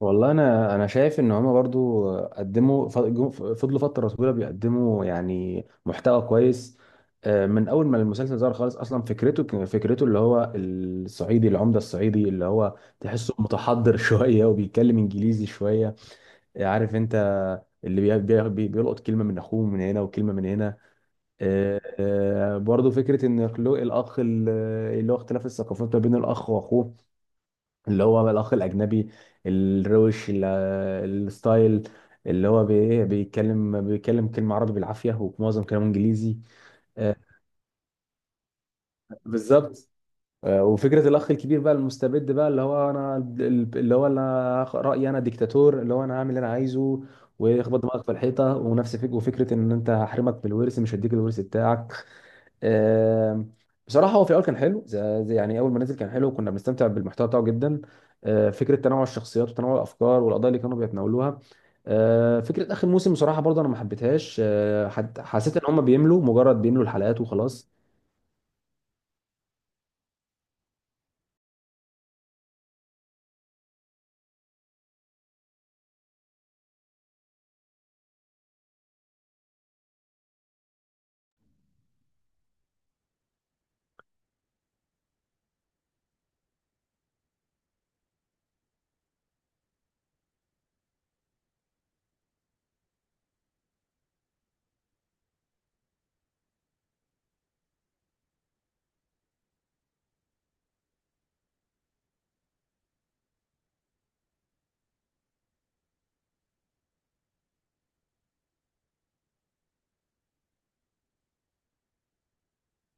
والله انا شايف ان هما برضو قدموا فضلوا فتره طويله بيقدموا يعني محتوى كويس. من اول ما المسلسل ظهر خالص اصلا فكرته فكرته اللي هو الصعيدي، العمده الصعيدي اللي هو تحسه متحضر شويه وبيتكلم انجليزي شويه، عارف انت، اللي بيلقط كلمه من اخوه من هنا وكلمه من هنا. برضو فكره ان خلق الاخ اللي هو اختلاف الثقافات ما بين الاخ واخوه، اللي هو الأخ الأجنبي الروش الستايل، اللي هو بي- إيه، بيتكلم كلمة عربي بالعافية ومعظم كلامه إنجليزي. آه، بالظبط. وفكرة الأخ الكبير بقى المستبد بقى، اللي هو أنا، رأيي أنا ديكتاتور، اللي هو أنا هعمل اللي أنا عايزه، واخبط دماغك في الحيطة ونفس فك، وفكرة إن أنت هحرمك من الورث، مش هديك الورث بتاعك. آم، بصراحه هو في الاول كان حلو يعني اول ما نزل كان حلو، وكنا بنستمتع بالمحتوى بتاعه جدا. فكره تنوع الشخصيات وتنوع الافكار والقضايا اللي كانوا بيتناولوها. فكره اخر موسم بصراحه برضه انا ما حبيتهاش. حسيت ان هم بيملوا، مجرد بيملوا الحلقات وخلاص.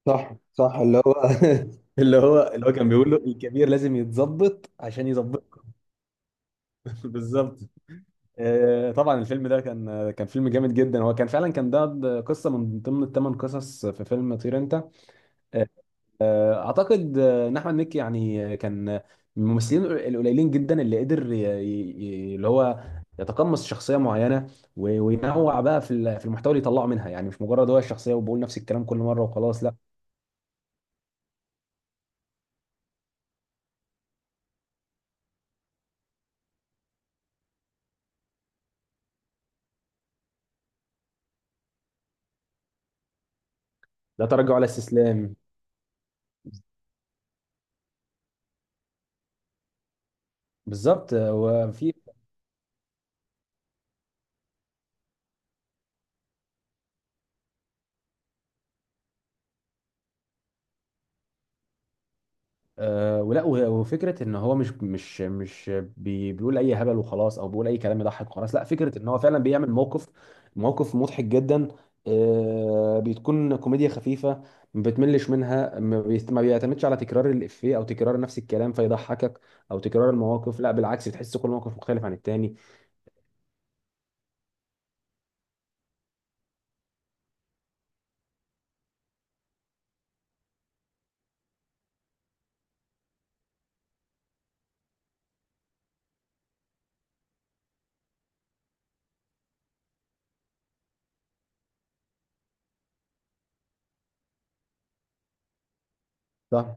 صح صح، اللي هو اللي هو كان بيقول له الكبير لازم يتظبط عشان يظبطكم. بالظبط. طبعا الفيلم ده كان فيلم جامد جدا، هو كان فعلا، كان ده قصه من ضمن الثمان قصص في فيلم طير انت. اعتقد ان احمد مكي يعني كان من الممثلين القليلين جدا اللي قدر اللي هو يتقمص شخصيه معينه، وينوع بقى في المحتوى اللي يطلعه منها، يعني مش مجرد هو الشخصيه وبقول نفس الكلام كل مره وخلاص، لا. لا تراجع ولا استسلام. بالظبط. آه، وفي أه ولا و- وفكره ان هو مش بيقول اي هبل وخلاص، او بيقول اي كلام يضحك وخلاص، لا. فكره ان هو فعلا بيعمل موقف مضحك جدا. بتكون كوميديا خفيفه، ما بتملش منها، ما بيعتمدش على تكرار الافيه او تكرار نفس الكلام فيضحكك، او تكرار المواقف، لا بالعكس، بتحس كل موقف مختلف عن التاني. صح.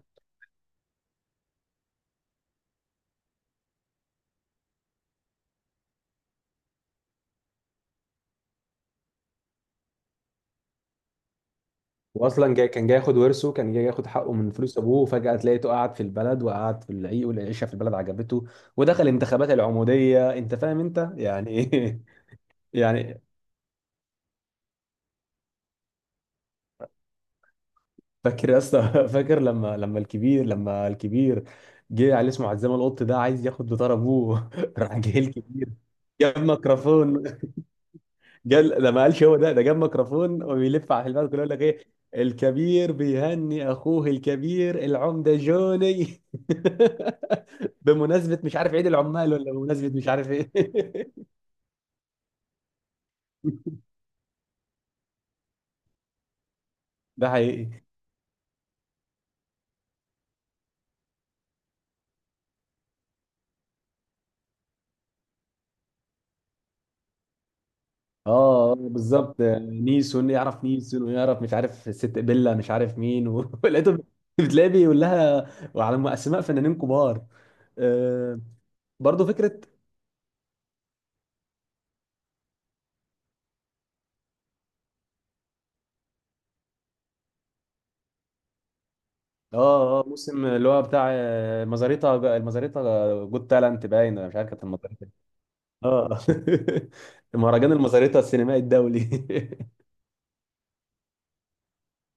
واصلا كان جاي ياخد ورثه، كان جاي ياخد حقه من فلوس ابوه، وفجاه تلاقيته قعد في البلد وقعد في العيق، والعيشه في البلد عجبته، ودخل انتخابات العموديه، انت فاهم انت يعني ايه. يعني، فاكر يا اسطى فاكر لما الكبير جه على اسمه عزام القط ده عايز ياخد بطار ابوه، راح جه الكبير، جاب ميكروفون، جال ده، ما قالش هو ده جاب ميكروفون وبيلف على البلد كله يقول لك ايه، الكبير بيهني اخوه الكبير العمده جوني، بمناسبه مش عارف عيد العمال، ولا بمناسبه مش عارف ايه. ده حقيقي. اه، بالظبط، نيسون يعرف نيسون، ويعرف مش عارف ست بيلا، مش عارف مين ولقيته بتلاقيه بيقول لها، وعلى اسماء فنانين كبار. آه، برضه فكره. اه اه، موسم اللي هو بتاع المزاريطة جود تالنت باين، ولا مش عارف، كانت المزاريطة. اه. مهرجان المزاريطة السينمائي الدولي.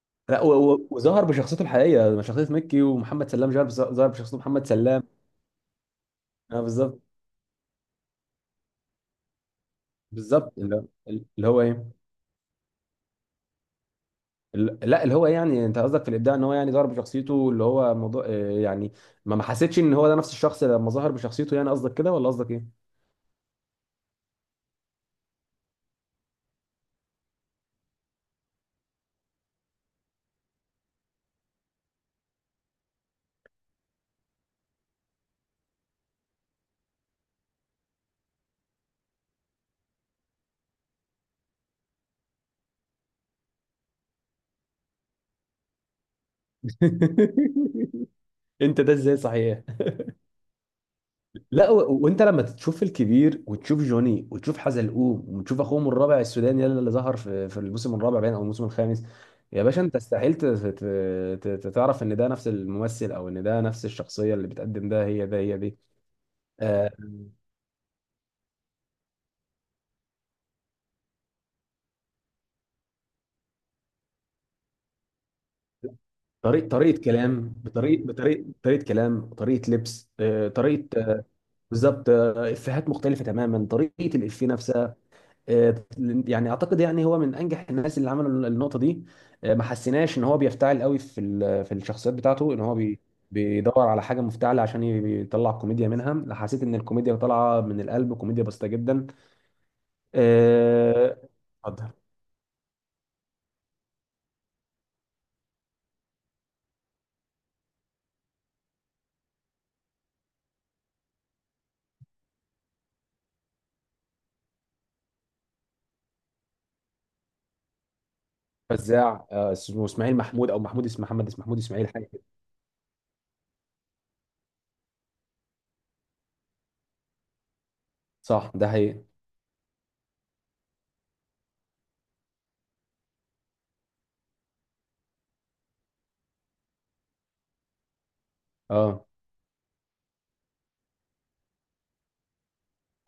لا، وظهر بشخصيته الحقيقية، شخصية مكي، ومحمد سلام ظهر ظهر بشخصيته محمد سلام. اه بالظبط. بالظبط، اللي هو ايه، اللي لا اللي هو ايه، يعني انت قصدك في الابداع ان هو يعني ظهر بشخصيته، اللي هو موضوع، يعني ما حسيتش ان هو ده نفس الشخص لما ظهر بشخصيته، يعني قصدك كده ولا قصدك ايه. انت ده ازاي، صحيح. لا، وانت لما تشوف الكبير وتشوف جوني وتشوف حزلقوم وتشوف اخوهم الرابع السوداني يلا اللي ظهر في الموسم الرابع باين او الموسم الخامس، يا باشا انت استحيل تعرف ان ده نفس الممثل، او ان ده نفس الشخصيه اللي بتقدم، ده هي دي. آه، طريقه كلام، بطريقه كلام، وطريقه لبس، طريقه بالظبط. افيهات مختلفه تماما، طريقه الافيه نفسها. آه، يعني اعتقد يعني هو من انجح الناس اللي عملوا النقطه دي. ما حسيناش ان هو بيفتعل قوي في الشخصيات بتاعته، ان هو بيدور على حاجه مفتعله عشان يطلع كوميديا منها، لا، حسيت ان الكوميديا طالعه من القلب، كوميديا بسيطه جدا. آه، اتفضل. فزاع، اسمه اسماعيل محمود، او محمود، اسم محمد، اسم محمود اسماعيل، حاجه كده. صح، ده حقيقي. اه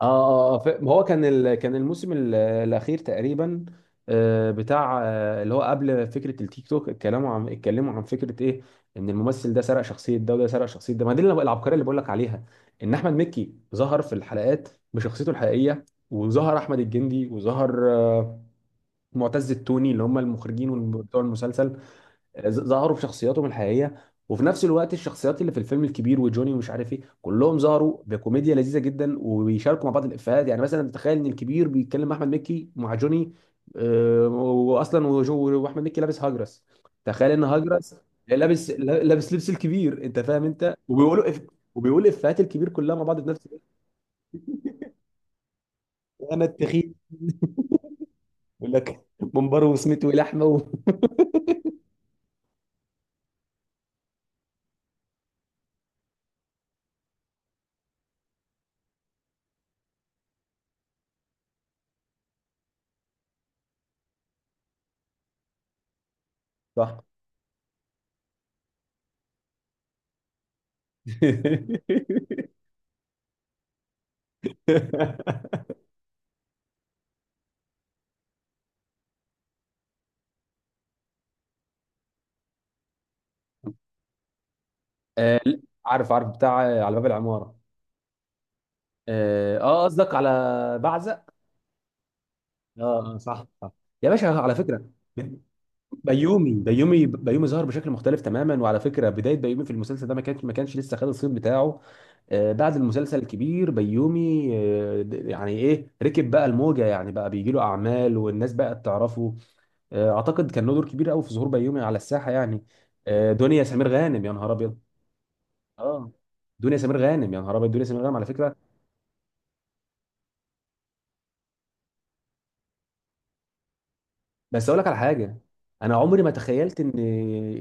اه اه، ما هو كان الموسم الاخير تقريبا. بتاع اللي هو قبل فكره التيك توك، اتكلموا عن فكره ايه، ان الممثل ده سرق شخصيه ده، وده سرق شخصيه ده، ما دي العبقريه اللي بقول لك عليها، ان احمد مكي ظهر في الحلقات بشخصيته الحقيقيه، وظهر احمد الجندي، وظهر معتز التوني، اللي هم المخرجين بتوع المسلسل، ظهروا بشخصياتهم الحقيقيه، وفي نفس الوقت الشخصيات اللي في الفيلم، الكبير وجوني ومش عارف ايه، كلهم ظهروا بكوميديا لذيذه جدا، وبيشاركوا مع بعض الافيهات، يعني مثلا تخيل ان الكبير بيتكلم مع احمد مكي مع جوني، واصلا واحمد مكي لابس هاجرس، تخيل ان هاجرس لابس لابس لبس الكبير، انت فاهم انت، وبيقولوا. وبيقول افيهات الكبير كلها مع بعض في نفس الوقت. انا التخين. يقول لك منبره وسمته لحمه صح. لا، عارف عارف، بتاع على باب العماره. اه، قصدك على بعزق. اه اه، صح صح، يا باشا على فكره، بيومي ظهر بشكل مختلف تماما، وعلى فكره بدايه بيومي في المسلسل ده ما كانش لسه خد الصيت بتاعه. بعد المسلسل الكبير بيومي يعني ايه، ركب بقى الموجه، يعني بقى بيجي له اعمال والناس بقت تعرفه. اعتقد كان له دور كبير قوي في ظهور بيومي على الساحه يعني. دنيا سمير غانم، يا نهار ابيض. اه، دنيا سمير غانم، يا نهار ابيض، دنيا سمير غانم على فكره. بس اقول لك على حاجه، انا عمري ما تخيلت ان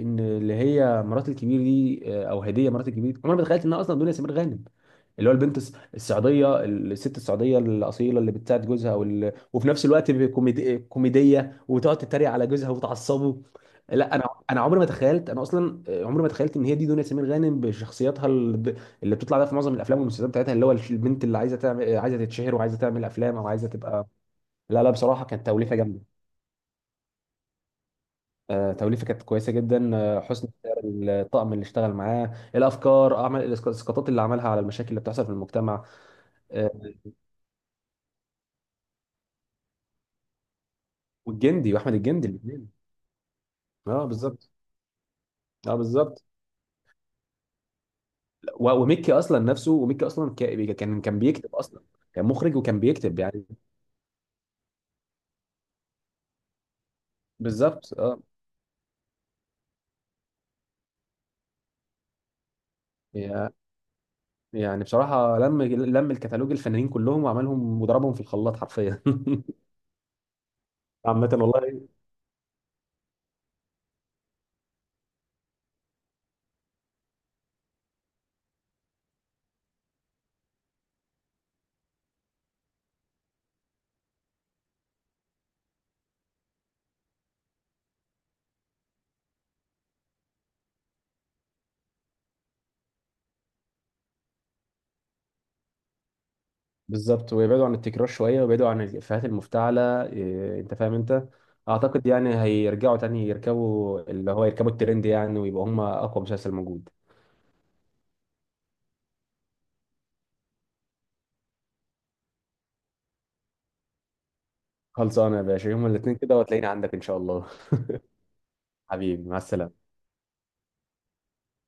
ان اللي هي مرات الكبير دي، او هديه مرات الكبير دي، عمري ما تخيلت انها اصلا دنيا سمير غانم، اللي هو البنت السعوديه، الست السعوديه الاصيله اللي بتساعد جوزها، وفي نفس الوقت كوميديه، وتقعد تتريق على جوزها وتعصبه. لا، انا عمري ما تخيلت انا اصلا، عمري ما تخيلت ان هي دي دنيا سمير غانم بشخصيتها اللي بتطلع بيها في معظم الافلام والمسلسلات بتاعتها، اللي هو البنت اللي عايزه تعمل، عايزه تتشهر وعايزه تعمل افلام، او عايزه تبقى. لا لا، بصراحه كانت توليفه جامده. توليفه كانت كويسه جدا، حسن اختيار الطقم اللي اشتغل معاه، الافكار، اعمال الاسقاطات اللي عملها على المشاكل اللي بتحصل في المجتمع. آه، والجندي، واحمد الجندي، الاثنين. اه بالظبط. اه بالظبط. وميكي اصلا نفسه، وميكي اصلا كان بيكتب اصلا، كان مخرج وكان بيكتب يعني. بالظبط اه. يع- يعني بصراحه لم الكتالوج الفنانين كلهم، وعملهم وضربهم في الخلاط حرفيا. عامه والله، بالظبط، ويبعدوا عن التكرار شويه، ويبعدوا عن الافيهات المفتعله، انت فاهم انت، اعتقد يعني هيرجعوا تاني يركبوا، اللي هو يركبوا الترند يعني، ويبقوا هم اقوى مسلسل موجود. خلصانه يا باشا، يوم الاثنين كده وتلاقيني عندك ان شاء الله. حبيبي مع السلامه.